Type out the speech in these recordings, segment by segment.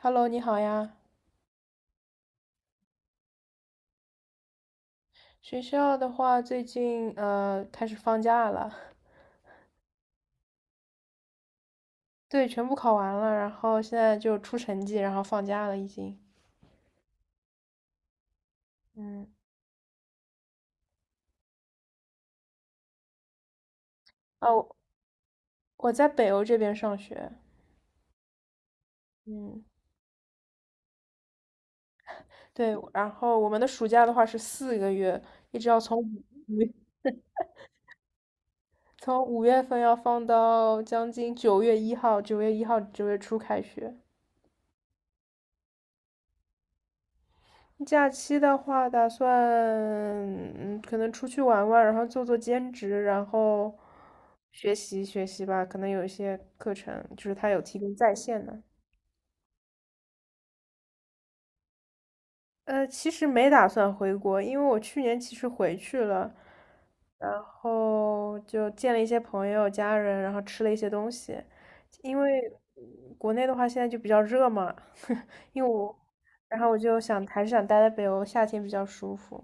Hello，你好呀。学校的话，最近开始放假了，对，全部考完了，然后现在就出成绩，然后放假了已经。嗯，哦，我在北欧这边上学。嗯，对，然后我们的暑假的话是4个月，一直要从5月份要放到将近九月一号，九月一号9月初开学。假期的话，打算可能出去玩玩，然后做做兼职，然后学习学习吧。可能有一些课程，就是他有提供在线的。其实没打算回国，因为我去年其实回去了，然后就见了一些朋友、家人，然后吃了一些东西。因为国内的话现在就比较热嘛，因为我，然后我就想还是想待在北欧，夏天比较舒服，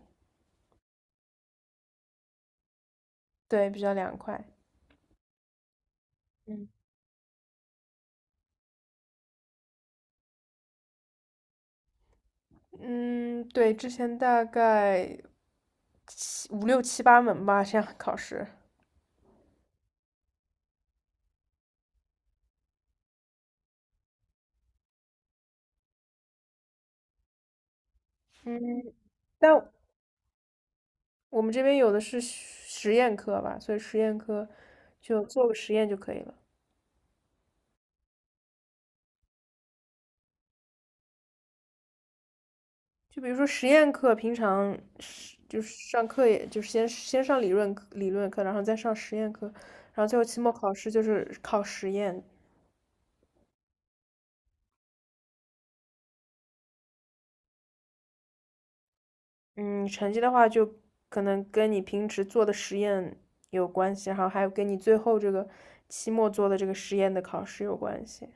对，比较凉快。嗯。嗯，对，之前大概七五六七八门吧，这样考试。嗯，但我们这边有的是实验课吧，所以实验课就做个实验就可以了。就比如说实验课，平常是就是上课也，就是先上理论课，然后再上实验课，然后最后期末考试就是考实验。嗯，成绩的话就可能跟你平时做的实验有关系，然后还有跟你最后这个期末做的这个实验的考试有关系。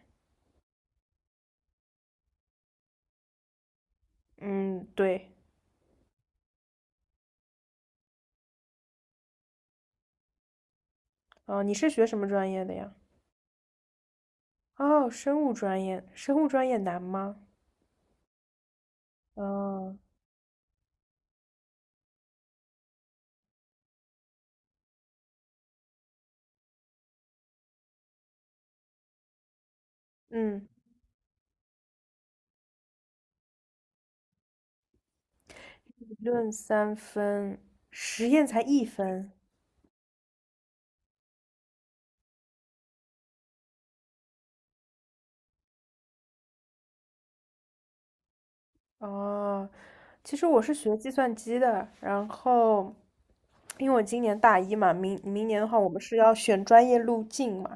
嗯，对，你是学什么专业的呀？哦，生物专业，生物专业难吗？嗯嗯，理论3分，实验才1分。哦，其实我是学计算机的，然后因为我今年大一嘛，明年的话，我们是要选专业路径嘛，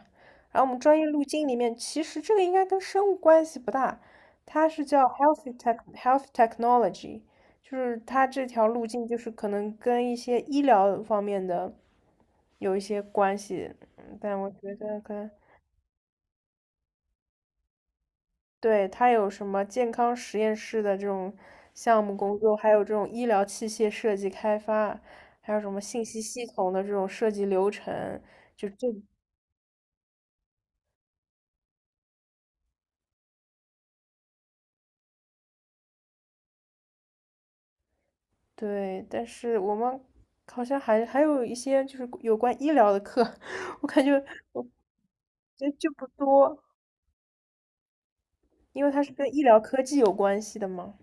然后我们专业路径里面，其实这个应该跟生物关系不大，它是叫 health y technology，就是它这条路径就是可能跟一些医疗方面的有一些关系，嗯，但我觉得可能对。它有什么健康实验室的这种项目工作，还有这种医疗器械设计开发，还有什么信息系统的这种设计流程，就这，对。但是我们好像还有一些就是有关医疗的课，我感觉我就不多，因为它是跟医疗科技有关系的嘛。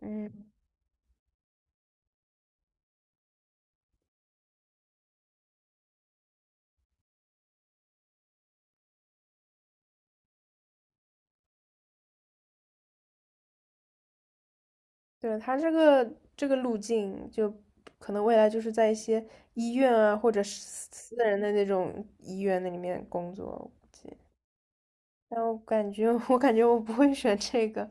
嗯，对，它这个路径，就可能未来就是在一些医院啊，或者是私人的那种医院那里面工作，我估计。但我感觉，我感觉我不会选这个，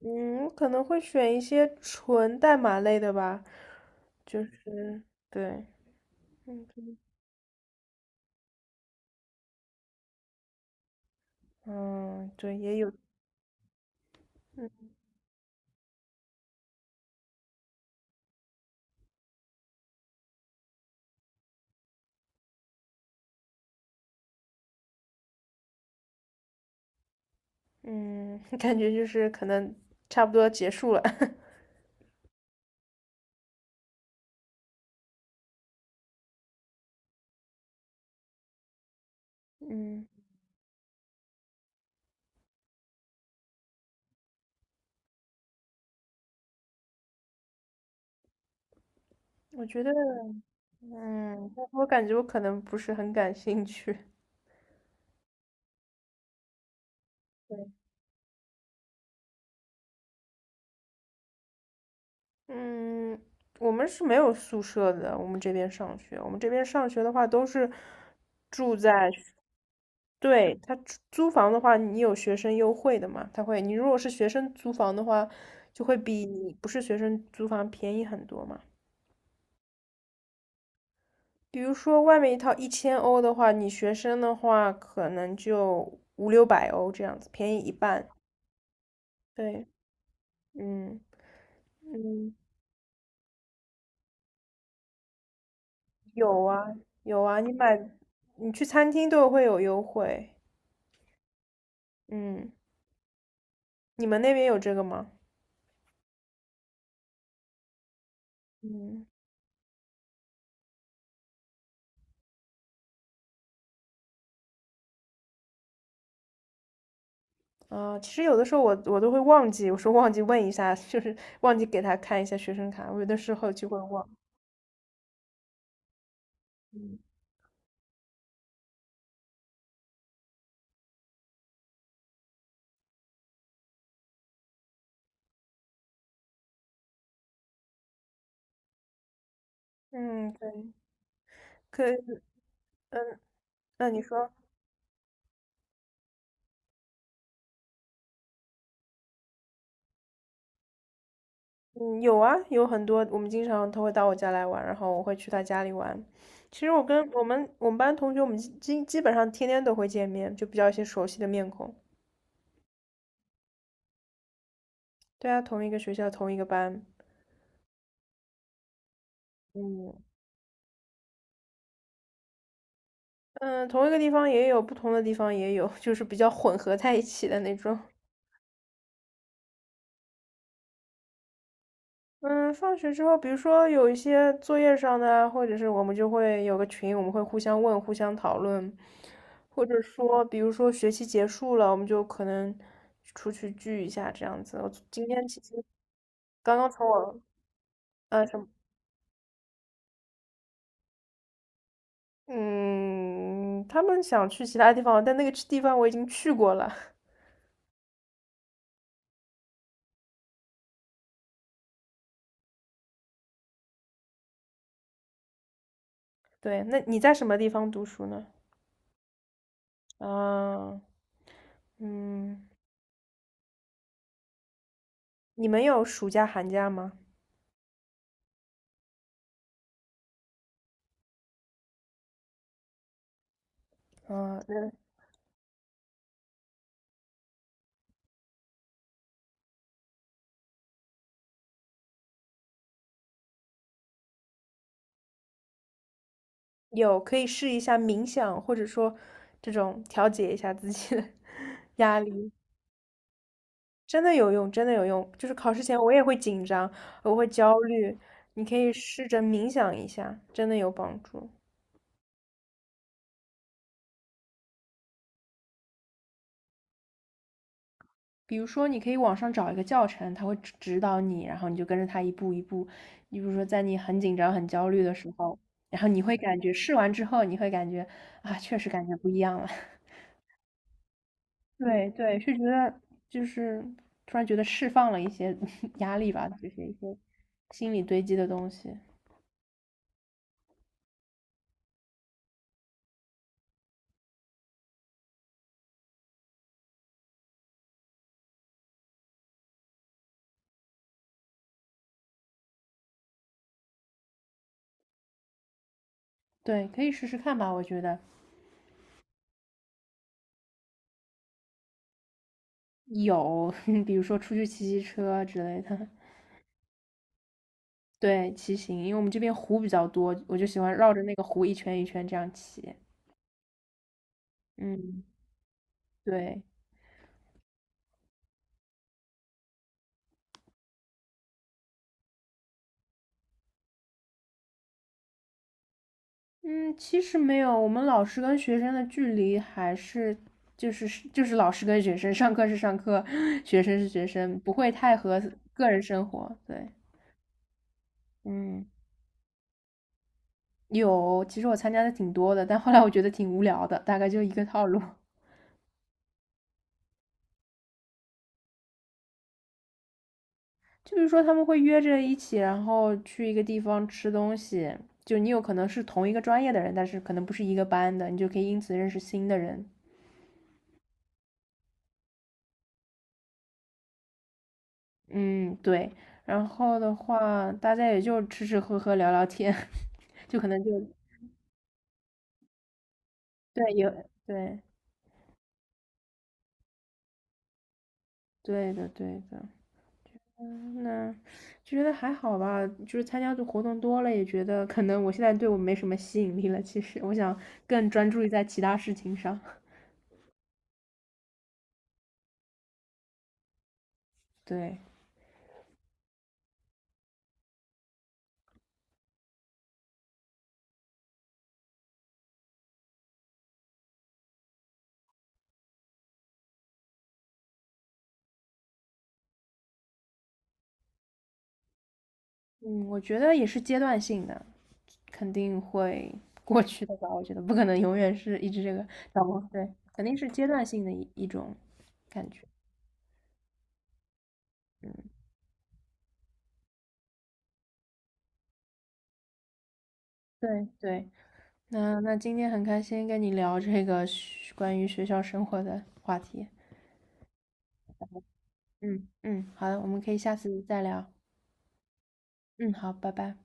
嗯，我可能会选一些纯代码类的吧，就是对，嗯嗯，对，也有，嗯嗯，感觉就是可能差不多结束了，嗯，我觉得，嗯，但是我感觉我可能不是很感兴趣。嗯，我们是没有宿舍的，我们这边上学，我们这边上学的话都是住在学，对，他租房的话，你有学生优惠的嘛？他会，你如果是学生租房的话，就会比你不是学生租房便宜很多嘛。比如说外面一套1000欧的话，你学生的话可能就五六百欧这样子，便宜一半。对，嗯嗯，有啊，有啊，你去餐厅都会有优惠，嗯。你们那边有这个吗？嗯，啊，其实有的时候我都会忘记，我说忘记问一下，就是忘记给他看一下学生卡，我有的时候就会忘。嗯嗯，对，可以，嗯，那你说，嗯，有啊，有很多，我们经常他会到我家来玩，然后我会去他家里玩。其实我跟我们班同学，我们基本上天天都会见面，就比较一些熟悉的面孔。对啊，同一个学校，同一个班，嗯嗯，同一个地方也有，不同的地方也有，就是比较混合在一起的那种。嗯，放学之后，比如说有一些作业上的啊或者是我们就会有个群，我们会互相问、互相讨论，或者说，比如说学期结束了，我们就可能出去聚一下这样子。我今天其实刚刚从我什么，嗯，他们想去其他地方，但那个地方我已经去过了。对，那你在什么地方读书呢？嗯嗯，你们有暑假、寒假吗？嗯，有，可以试一下冥想，或者说这种调节一下自己的 压力，真的有用，真的有用。就是考试前我也会紧张，我会焦虑，你可以试着冥想一下，真的有帮助。比如说，你可以网上找一个教程，他会指导你，然后你就跟着他一步一步。你比如说，在你很紧张、很焦虑的时候，然后你会感觉试完之后，你会感觉啊，确实感觉不一样了。对对，是觉得就是突然觉得释放了一些 压力吧，就是一些心理堆积的东西。对，可以试试看吧，我觉得有，比如说出去骑骑车之类的。对，骑行，因为我们这边湖比较多，我就喜欢绕着那个湖一圈一圈这样骑。嗯，对，嗯，其实没有，我们老师跟学生的距离还是就是老师跟学生，上课是上课，学生是学生，不会太和个人生活。对，嗯，有，其实我参加的挺多的，但后来我觉得挺无聊的，大概就一个套路。就是说他们会约着一起，然后去一个地方吃东西，就你有可能是同一个专业的人，但是可能不是一个班的，你就可以因此认识新的人。嗯，对。然后的话，大家也就吃吃喝喝聊聊天，就可能就对，有对，对的对的。嗯，那就觉得还好吧，就是参加的活动多了，也觉得可能我现在对我没什么吸引力了。其实我想更专注于在其他事情上。对，嗯，我觉得也是阶段性的，肯定会 过去的吧。我觉得不可能永远是一直这个找工。对，肯定是阶段性的一种感觉。嗯，对对。那今天很开心跟你聊这个关于学校生活的话题。嗯嗯，好的，我们可以下次再聊。嗯，好，拜拜。